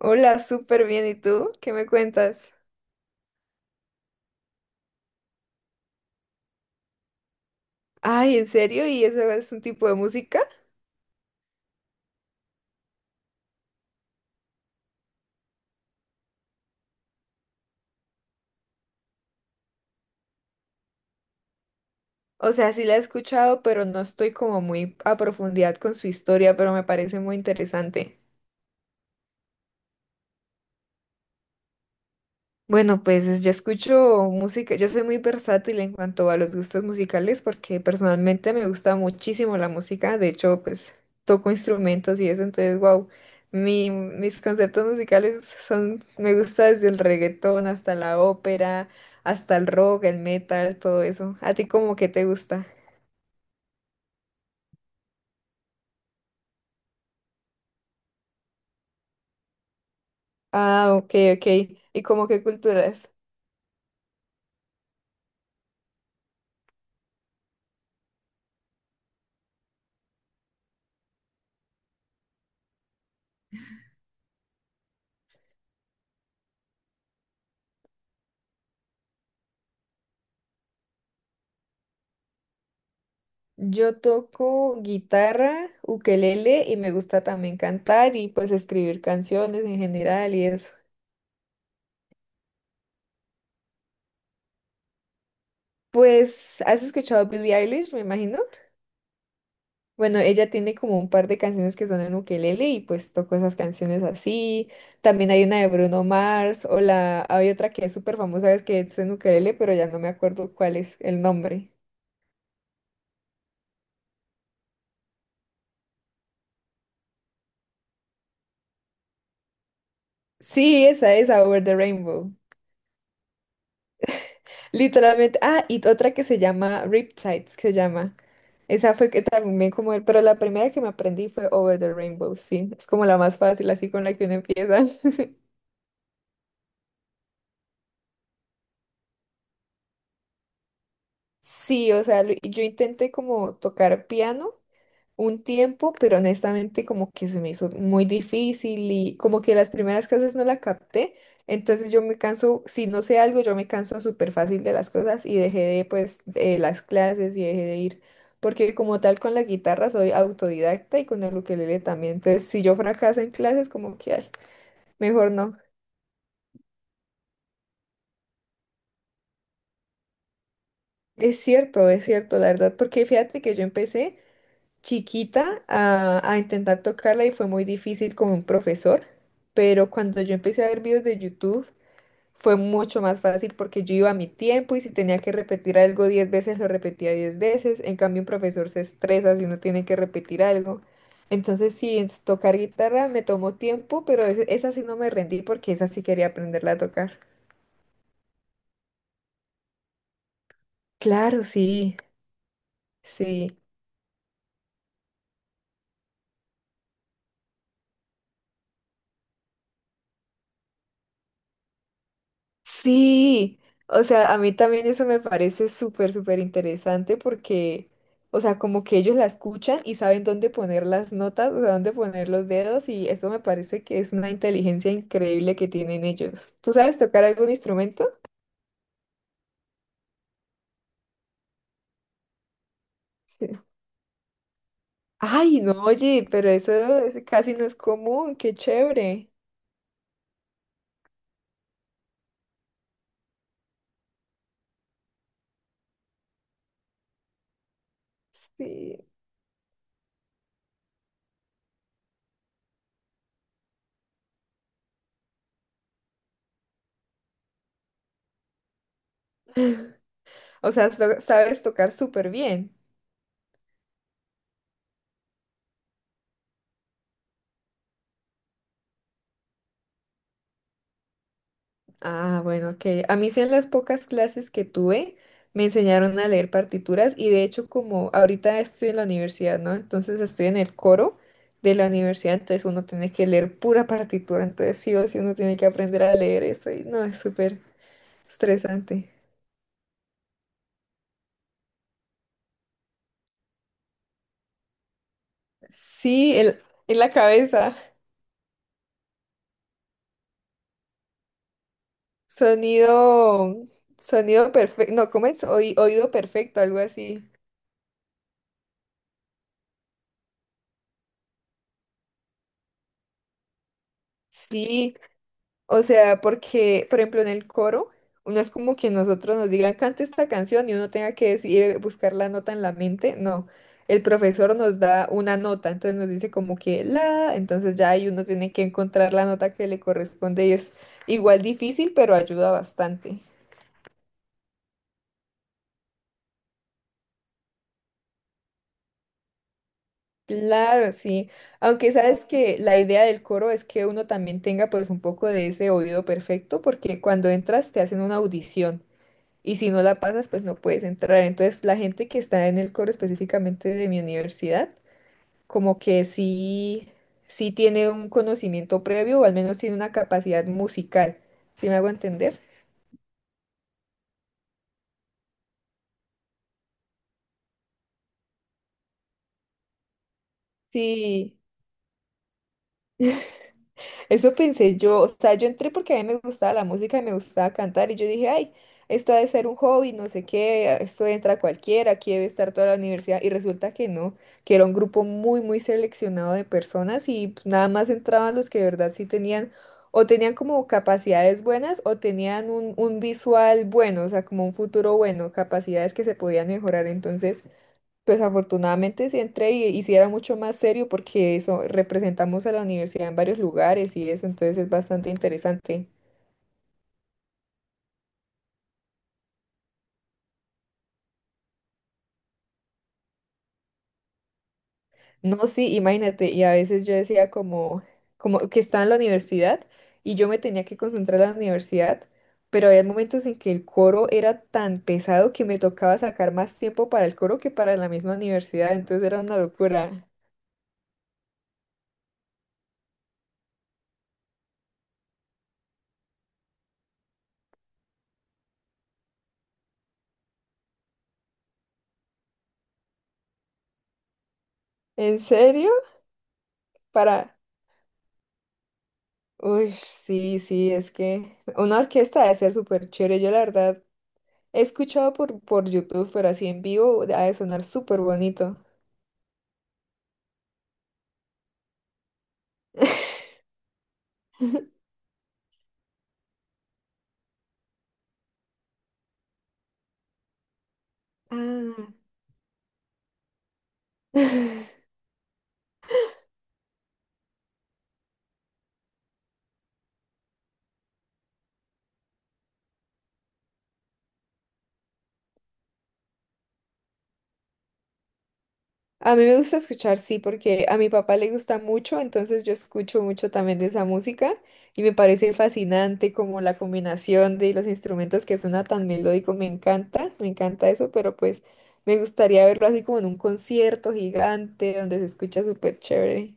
Hola, súper bien. ¿Y tú? ¿Qué me cuentas? Ay, ¿en serio? ¿Y eso es un tipo de música? O sea, sí la he escuchado, pero no estoy como muy a profundidad con su historia, pero me parece muy interesante. Bueno, pues yo escucho música, yo soy muy versátil en cuanto a los gustos musicales porque personalmente me gusta muchísimo la música, de hecho, pues toco instrumentos y eso, entonces, wow, mis conceptos musicales son, me gusta desde el reggaetón hasta la ópera, hasta el rock, el metal, todo eso. ¿A ti como que te gusta? Ah, ok, ok. ¿Y como qué culturas? Yo toco guitarra, ukelele y me gusta también cantar y pues escribir canciones en general y eso. Pues, ¿has escuchado a Billie Eilish, me imagino? Bueno, ella tiene como un par de canciones que son en ukelele y pues toco esas canciones así. También hay una de Bruno Mars o la hay otra que es súper famosa es que es en ukelele, pero ya no me acuerdo cuál es el nombre. Sí, esa es Over the Rainbow. Literalmente. Ah, y otra que se llama Riptides, que se llama. Esa fue que también como, pero la primera que me aprendí fue Over the Rainbow, sí. Es como la más fácil, así con la que uno empieza. Sí, o sea, yo intenté como tocar piano. Un tiempo, pero honestamente como que se me hizo muy difícil y como que las primeras clases no la capté, entonces yo me canso, si no sé algo, yo me canso súper fácil de las cosas y dejé de pues de las clases y dejé de ir, porque como tal con la guitarra soy autodidacta y con el ukelele también, entonces si yo fracaso en clases como que ay, mejor no. Es cierto, la verdad, porque fíjate que yo empecé chiquita a intentar tocarla y fue muy difícil con un profesor, pero cuando yo empecé a ver videos de YouTube fue mucho más fácil porque yo iba a mi tiempo y si tenía que repetir algo 10 veces, lo repetía 10 veces. En cambio, un profesor se estresa si uno tiene que repetir algo. Entonces, sí, tocar guitarra me tomó tiempo, pero esa sí no me rendí porque esa sí quería aprenderla a tocar. Claro, sí, sí. Sí, o sea, a mí también eso me parece súper, súper interesante porque, o sea, como que ellos la escuchan y saben dónde poner las notas, o sea, dónde poner los dedos y eso me parece que es una inteligencia increíble que tienen ellos. ¿Tú sabes tocar algún instrumento? Sí. Ay, no, oye, pero eso casi no es común, qué chévere. Sí. O sea, sabes tocar súper bien. Ah, bueno, ok. A mí sí en las pocas clases que tuve me enseñaron a leer partituras y de hecho como ahorita estoy en la universidad, ¿no? Entonces estoy en el coro de la universidad, entonces uno tiene que leer pura partitura, entonces sí o sí uno tiene que aprender a leer eso y no, es súper estresante. Sí, el- en la cabeza. Sonido, sonido perfecto, no, ¿cómo es? Oído perfecto, algo así. Sí, o sea, porque, por ejemplo, en el coro, no es como que nosotros nos digan, cante esta canción y uno tenga que decidir buscar la nota en la mente. No, el profesor nos da una nota, entonces nos dice como que la, entonces ya ahí uno tiene que encontrar la nota que le corresponde y es igual difícil, pero ayuda bastante. Claro, sí. Aunque sabes que la idea del coro es que uno también tenga pues un poco de ese oído perfecto, porque cuando entras te hacen una audición. Y si no la pasas, pues no puedes entrar. Entonces, la gente que está en el coro específicamente de mi universidad, como que sí, sí tiene un conocimiento previo o al menos tiene una capacidad musical. ¿Sí me hago entender? Sí, eso pensé yo, o sea, yo entré porque a mí me gustaba la música y me gustaba cantar y yo dije, ay, esto ha de ser un hobby, no sé qué, esto entra cualquiera, aquí debe estar toda la universidad y resulta que no, que era un grupo muy, muy seleccionado de personas y pues, nada más entraban los que de verdad sí tenían o tenían como capacidades buenas o tenían un visual bueno, o sea, como un futuro bueno, capacidades que se podían mejorar, entonces... Pues afortunadamente sí entré y sí era mucho más serio porque eso representamos a la universidad en varios lugares y eso, entonces es bastante interesante. No, sí, imagínate, y a veces yo decía como, como que estaba en la universidad y yo me tenía que concentrar en la universidad, pero había momentos en que el coro era tan pesado que me tocaba sacar más tiempo para el coro que para la misma universidad, entonces era una locura. ¿En serio? Para... Uy, sí, sí, es que una orquesta debe ser súper chévere. Yo la verdad he escuchado por YouTube, pero así en vivo ha de sonar súper bonito. Ah, a mí me gusta escuchar, sí, porque a mi papá le gusta mucho, entonces yo escucho mucho también de esa música y me parece fascinante como la combinación de los instrumentos que suena tan melódico, me encanta eso, pero pues me gustaría verlo así como en un concierto gigante donde se escucha súper chévere.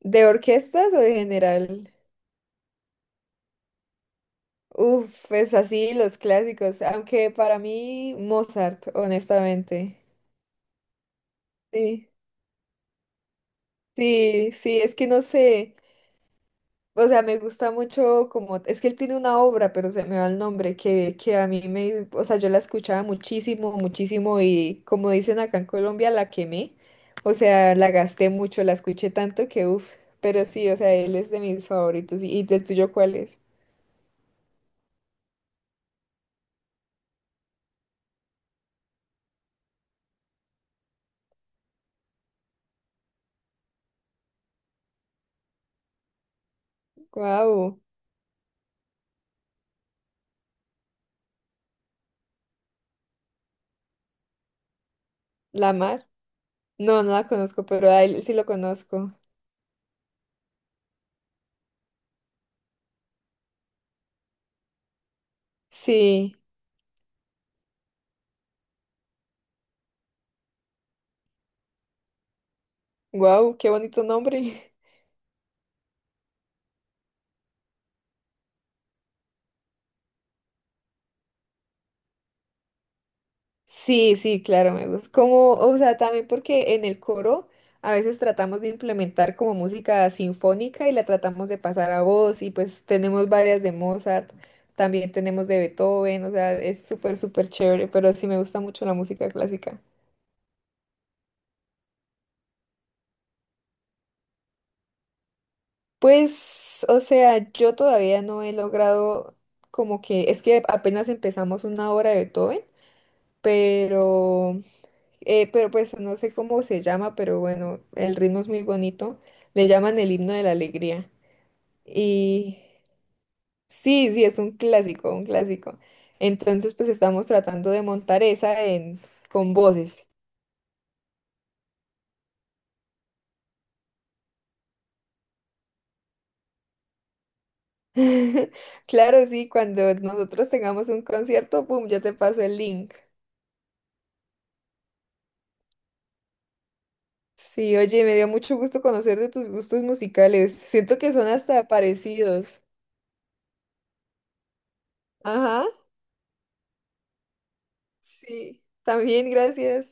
¿De orquestas o de general? Uf, pues así los clásicos, aunque para mí Mozart, honestamente. Sí, sí, sí, es que no sé, o sea, me gusta mucho como, es que él tiene una obra, pero se me va el nombre, que a mí me, o sea, yo la escuchaba muchísimo, muchísimo y como dicen acá en Colombia, la quemé, o sea, la gasté mucho, la escuché tanto que, uf, pero sí, o sea, él es de mis favoritos. Y del tuyo cuál es? Guau, ¿La Mar? No, no la conozco, pero a él sí lo conozco. Sí. Wow, qué bonito nombre. Sí, sí, claro, me gusta. Como, o sea, también porque en el coro a veces tratamos de implementar como música sinfónica y la tratamos de pasar a voz y pues tenemos varias de Mozart, también tenemos de Beethoven, o sea, es súper, súper chévere, pero sí me gusta mucho la música clásica. Pues, o sea, yo todavía no he logrado como que, es que apenas empezamos una obra de Beethoven, pero... pero pues no sé cómo se llama, pero bueno, el ritmo es muy bonito. Le llaman el himno de la alegría. Y sí, sí, es un clásico, un clásico. Entonces, pues estamos tratando de montar esa en, con voces. Claro, sí, cuando nosotros tengamos un concierto, pum, ya te paso el link. Sí, oye, me dio mucho gusto conocer de tus gustos musicales. Siento que son hasta parecidos. Ajá, sí, también gracias.